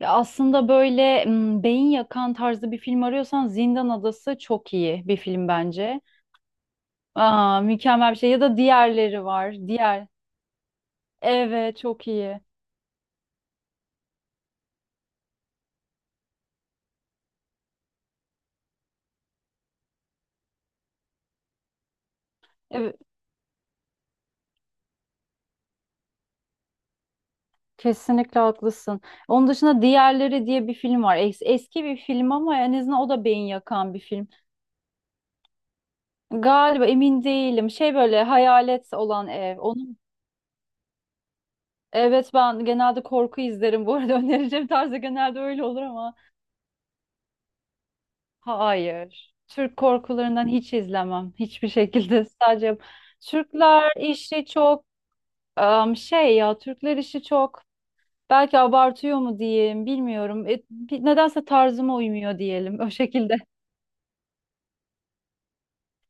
Ya aslında böyle beyin yakan tarzı bir film arıyorsan Zindan Adası çok iyi bir film bence. Aa, mükemmel bir şey. Ya da diğerleri var. Diğer. Evet, çok iyi. Evet, kesinlikle haklısın. Onun dışında Diğerleri diye bir film var. Eski bir film ama en azından o da beyin yakan bir film. Galiba emin değilim. Şey böyle hayalet olan ev. Onun evet, ben genelde korku izlerim bu arada önereceğim tarzı genelde öyle olur ama. Hayır. Türk korkularından hiç izlemem. Hiçbir şekilde sadece Türkler işi çok şey ya, Türkler işi çok belki abartıyor mu diyeyim bilmiyorum. Nedense tarzıma uymuyor diyelim o şekilde.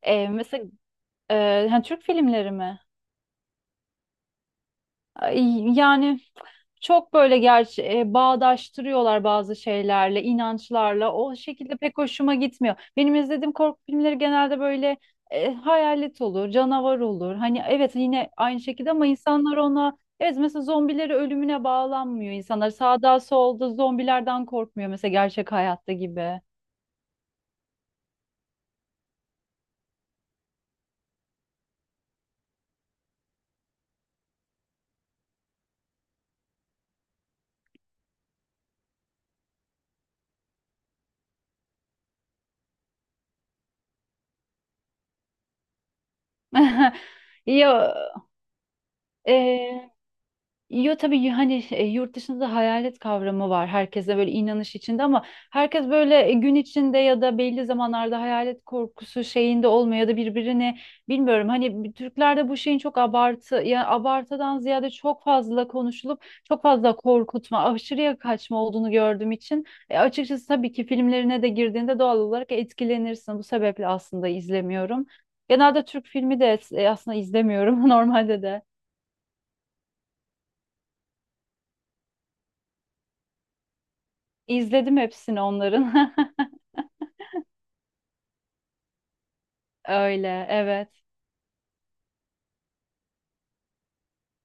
Mesela hani Türk filmleri mi? Ay, yani çok böyle gerçi bağdaştırıyorlar bazı şeylerle, inançlarla. O şekilde pek hoşuma gitmiyor. Benim izlediğim korku filmleri genelde böyle hayalet olur, canavar olur. Hani evet, yine aynı şekilde ama insanlar ona evet, mesela zombileri ölümüne bağlanmıyor insanlar. Sağda solda zombilerden korkmuyor mesela gerçek hayatta gibi. Ya, e, yo tabii hani yurt dışında hayalet kavramı var. Herkeste böyle inanış içinde ama herkes böyle gün içinde ya da belli zamanlarda hayalet korkusu şeyinde olmuyor ya da birbirini bilmiyorum. Hani Türklerde bu şeyin çok abartı ya abartıdan ziyade çok fazla konuşulup çok fazla korkutma, aşırıya kaçma olduğunu gördüğüm için açıkçası tabii ki filmlerine de girdiğinde doğal olarak etkilenirsin. Bu sebeple aslında izlemiyorum. Genelde Türk filmi de aslında izlemiyorum normalde de. İzledim hepsini onların. Öyle, evet,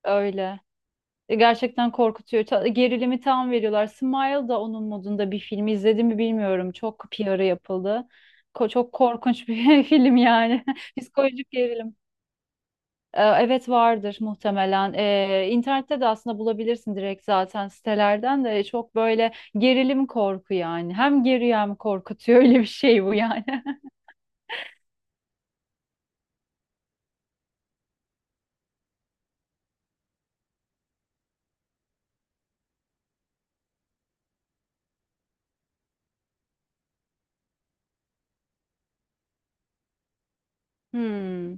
öyle. Gerçekten korkutuyor. Gerilimi tam veriyorlar. Smile da onun modunda bir film. İzledim mi bilmiyorum. Çok PR'ı yapıldı. Çok korkunç bir film yani. Psikolojik gerilim. Evet, vardır muhtemelen. İnternette de aslında bulabilirsin direkt zaten sitelerden de çok böyle gerilim korku yani. Hem geriyor hem korkutuyor. Öyle bir şey bu yani. Hmm.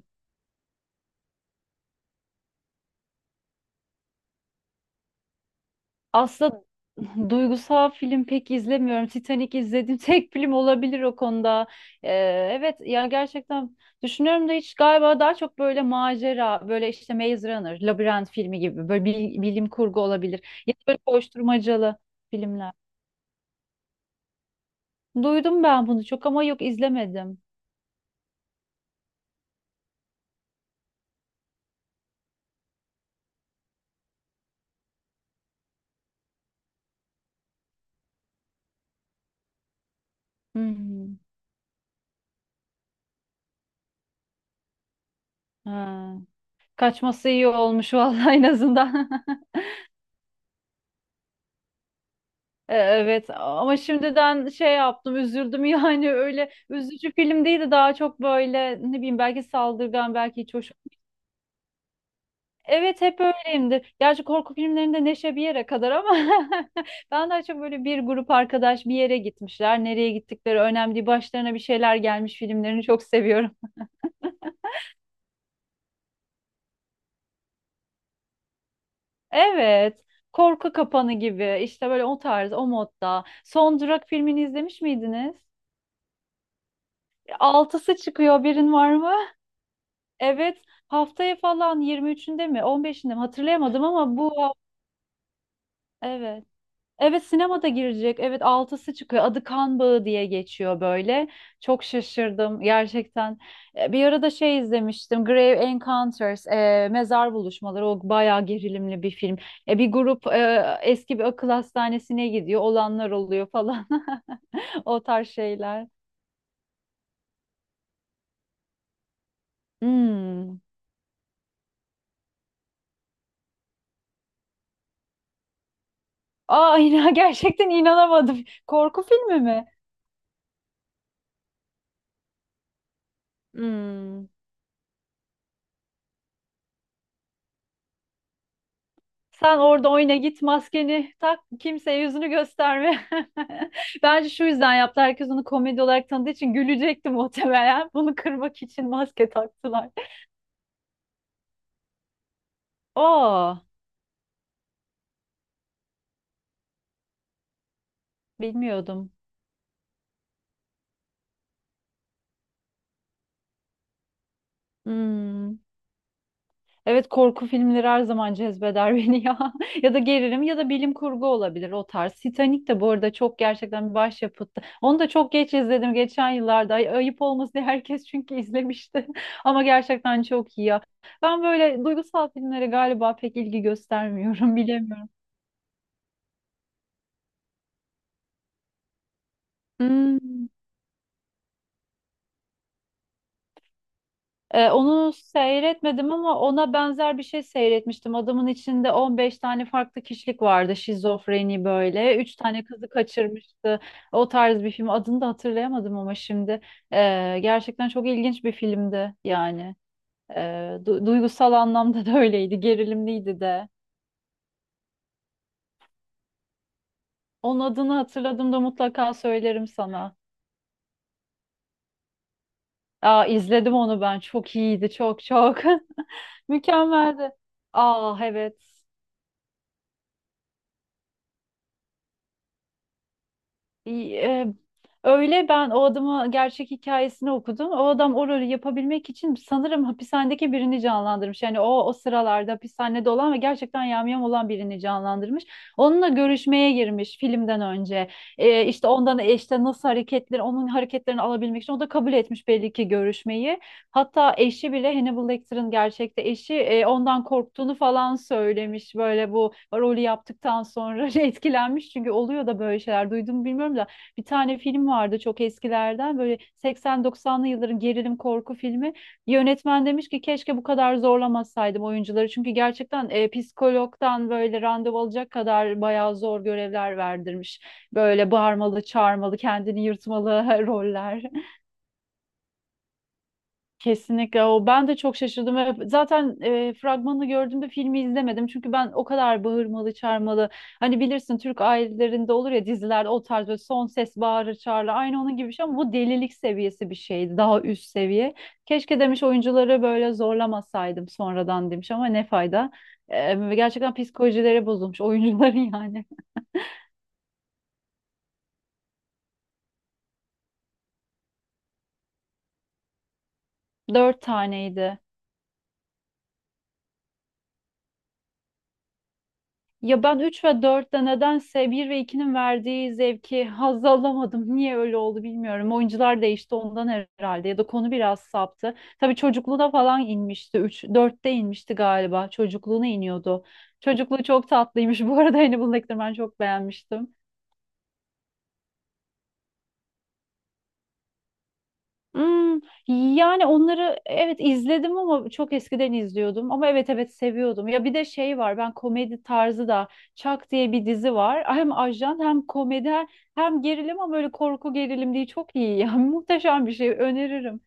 Aslında duygusal film pek izlemiyorum. Titanic izlediğim tek film olabilir o konuda. Ee, evet ya, gerçekten düşünüyorum da hiç galiba daha çok böyle macera, böyle işte Maze Runner, Labirent filmi gibi böyle bilim kurgu olabilir. Ya da böyle koşturmacalı filmler. Duydum ben bunu çok ama yok, izlemedim. Hmm. Ha. Kaçması iyi olmuş vallahi en azından. Evet ama şimdiden şey yaptım, üzüldüm yani öyle üzücü film değildi, daha çok böyle ne bileyim belki saldırgan belki hiç hoş. Evet, hep öyleyimdir. Gerçi korku filmlerinde neşe bir yere kadar ama ben daha çok böyle bir grup arkadaş bir yere gitmişler. Nereye gittikleri önemli değil. Başlarına bir şeyler gelmiş filmlerini çok seviyorum. Evet. Korku Kapanı gibi işte, böyle o tarz o modda. Son Durak filmini izlemiş miydiniz? Altısı çıkıyor birin var mı? Evet, haftaya falan 23'ünde mi 15'inde mi hatırlayamadım ama evet. Evet, sinemada girecek. Evet, altısı çıkıyor. Adı Kan Bağı diye geçiyor böyle. Çok şaşırdım gerçekten. Bir arada şey izlemiştim. Grave Encounters, Mezar Buluşmaları. O bayağı gerilimli bir film. Bir grup eski bir akıl hastanesine gidiyor. Olanlar oluyor falan. O tarz şeyler. Hmm. Aa, gerçekten inanamadım. Korku filmi mi? Hmm. Sen orada oyna, git maskeni tak, kimseye yüzünü gösterme. Bence şu yüzden yaptı. Herkes onu komedi olarak tanıdığı için gülecekti muhtemelen. Bunu kırmak için maske taktılar. Aa, bilmiyordum. Hmm. Evet, korku filmleri her zaman cezbeder beni ya. Ya da gerilim ya da bilim kurgu olabilir o tarz. Titanic de bu arada çok gerçekten bir başyapıttı. Onu da çok geç izledim geçen yıllarda. Ayıp olmasın diye herkes çünkü izlemişti. Ama gerçekten çok iyi ya. Ben böyle duygusal filmlere galiba pek ilgi göstermiyorum bilemiyorum. Hmm. Onu seyretmedim ama ona benzer bir şey seyretmiştim. Adamın içinde 15 tane farklı kişilik vardı. Şizofreni böyle. 3 tane kızı kaçırmıştı. O tarz bir film. Adını da hatırlayamadım ama şimdi. Gerçekten çok ilginç bir filmdi yani. Ee, Duygusal anlamda da öyleydi. Gerilimliydi de. Onun adını hatırladığımda mutlaka söylerim sana. Aa, izledim onu ben. Çok iyiydi. Çok çok. Mükemmeldi. Aa, evet. e, Öyle ben o adamı gerçek hikayesini okudum. O adam o rolü yapabilmek için sanırım hapishanedeki birini canlandırmış. Yani o sıralarda hapishanede olan ve gerçekten yamyam olan birini canlandırmış. Onunla görüşmeye girmiş filmden önce. İşte ondan, işte nasıl hareketleri, onun hareketlerini alabilmek için o da kabul etmiş belli ki görüşmeyi. Hatta eşi bile Hannibal Lecter'ın gerçekte eşi ondan korktuğunu falan söylemiş. Böyle bu rolü yaptıktan sonra etkilenmiş. Çünkü oluyor da böyle şeyler. Duydum mu bilmiyorum da bir tane film vardı çok eskilerden. Böyle 80-90'lı yılların gerilim korku filmi. Yönetmen demiş ki keşke bu kadar zorlamasaydım oyuncuları. Çünkü gerçekten psikologdan böyle randevu alacak kadar bayağı zor görevler verdirmiş. Böyle bağırmalı, çağırmalı, kendini yırtmalı roller. Kesinlikle o. Ben de çok şaşırdım ve zaten fragmanını gördüğümde filmi izlemedim. Çünkü ben o kadar bağırmalı, çağırmalı. Hani bilirsin Türk ailelerinde olur ya dizilerde o tarz böyle son ses bağırır çağırır. Aynı onun gibi bir şey ama bu delilik seviyesi bir şeydi. Daha üst seviye. Keşke demiş, oyuncuları böyle zorlamasaydım sonradan demiş ama ne fayda. Gerçekten psikolojileri bozulmuş oyuncuların yani. Dört taneydi. Ya ben 3 ve dörtte nedense bir ve ikinin verdiği zevki haz alamadım. Niye öyle oldu bilmiyorum. Oyuncular değişti ondan herhalde ya da konu biraz saptı. Tabii çocukluğuna falan inmişti. Üç dörtte inmişti galiba. Çocukluğuna iniyordu. Çocukluğu çok tatlıymış. Bu arada Hannibal Lecter ben çok beğenmiştim. Hmm, yani onları evet izledim ama çok eskiden izliyordum ama evet evet seviyordum. Ya bir de şey var, ben komedi tarzı da Çak diye bir dizi var. Hem ajan hem komedi hem gerilim ama böyle korku gerilim değil, çok iyi yani. Muhteşem bir şey, öneririm.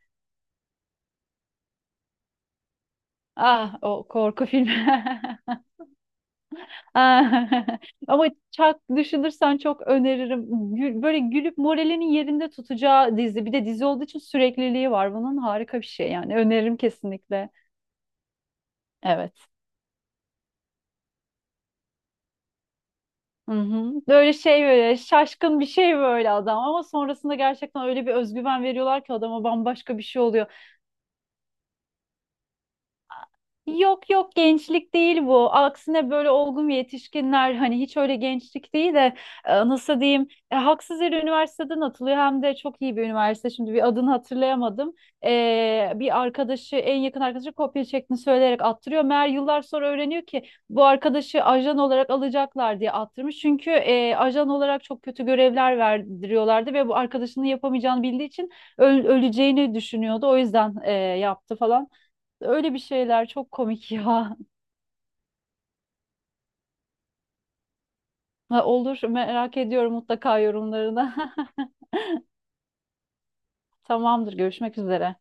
Ah, o korku filmi. Ah, ama Çak düşünürsen çok öneririm. Böyle gülüp moralinin yerinde tutacağı dizi. Bir de dizi olduğu için sürekliliği var. Bunun harika bir şey yani, öneririm kesinlikle. Evet. Hı hı. Böyle şey böyle şaşkın bir şey böyle adam ama sonrasında gerçekten öyle bir özgüven veriyorlar ki adama bambaşka bir şey oluyor. Yok yok, gençlik değil bu. Aksine böyle olgun yetişkinler, hani hiç öyle gençlik değil de nasıl diyeyim, haksız yere üniversiteden atılıyor hem de çok iyi bir üniversite. Şimdi bir adını hatırlayamadım. Bir arkadaşı, en yakın arkadaşı kopya çektiğini söyleyerek attırıyor. Meğer yıllar sonra öğreniyor ki bu arkadaşı ajan olarak alacaklar diye attırmış. Çünkü ajan olarak çok kötü görevler verdiriyorlardı ve bu arkadaşının yapamayacağını bildiği için öleceğini düşünüyordu. O yüzden yaptı falan. Öyle bir şeyler çok komik ya. Ha, olur, merak ediyorum mutlaka yorumlarını. Tamamdır, görüşmek üzere.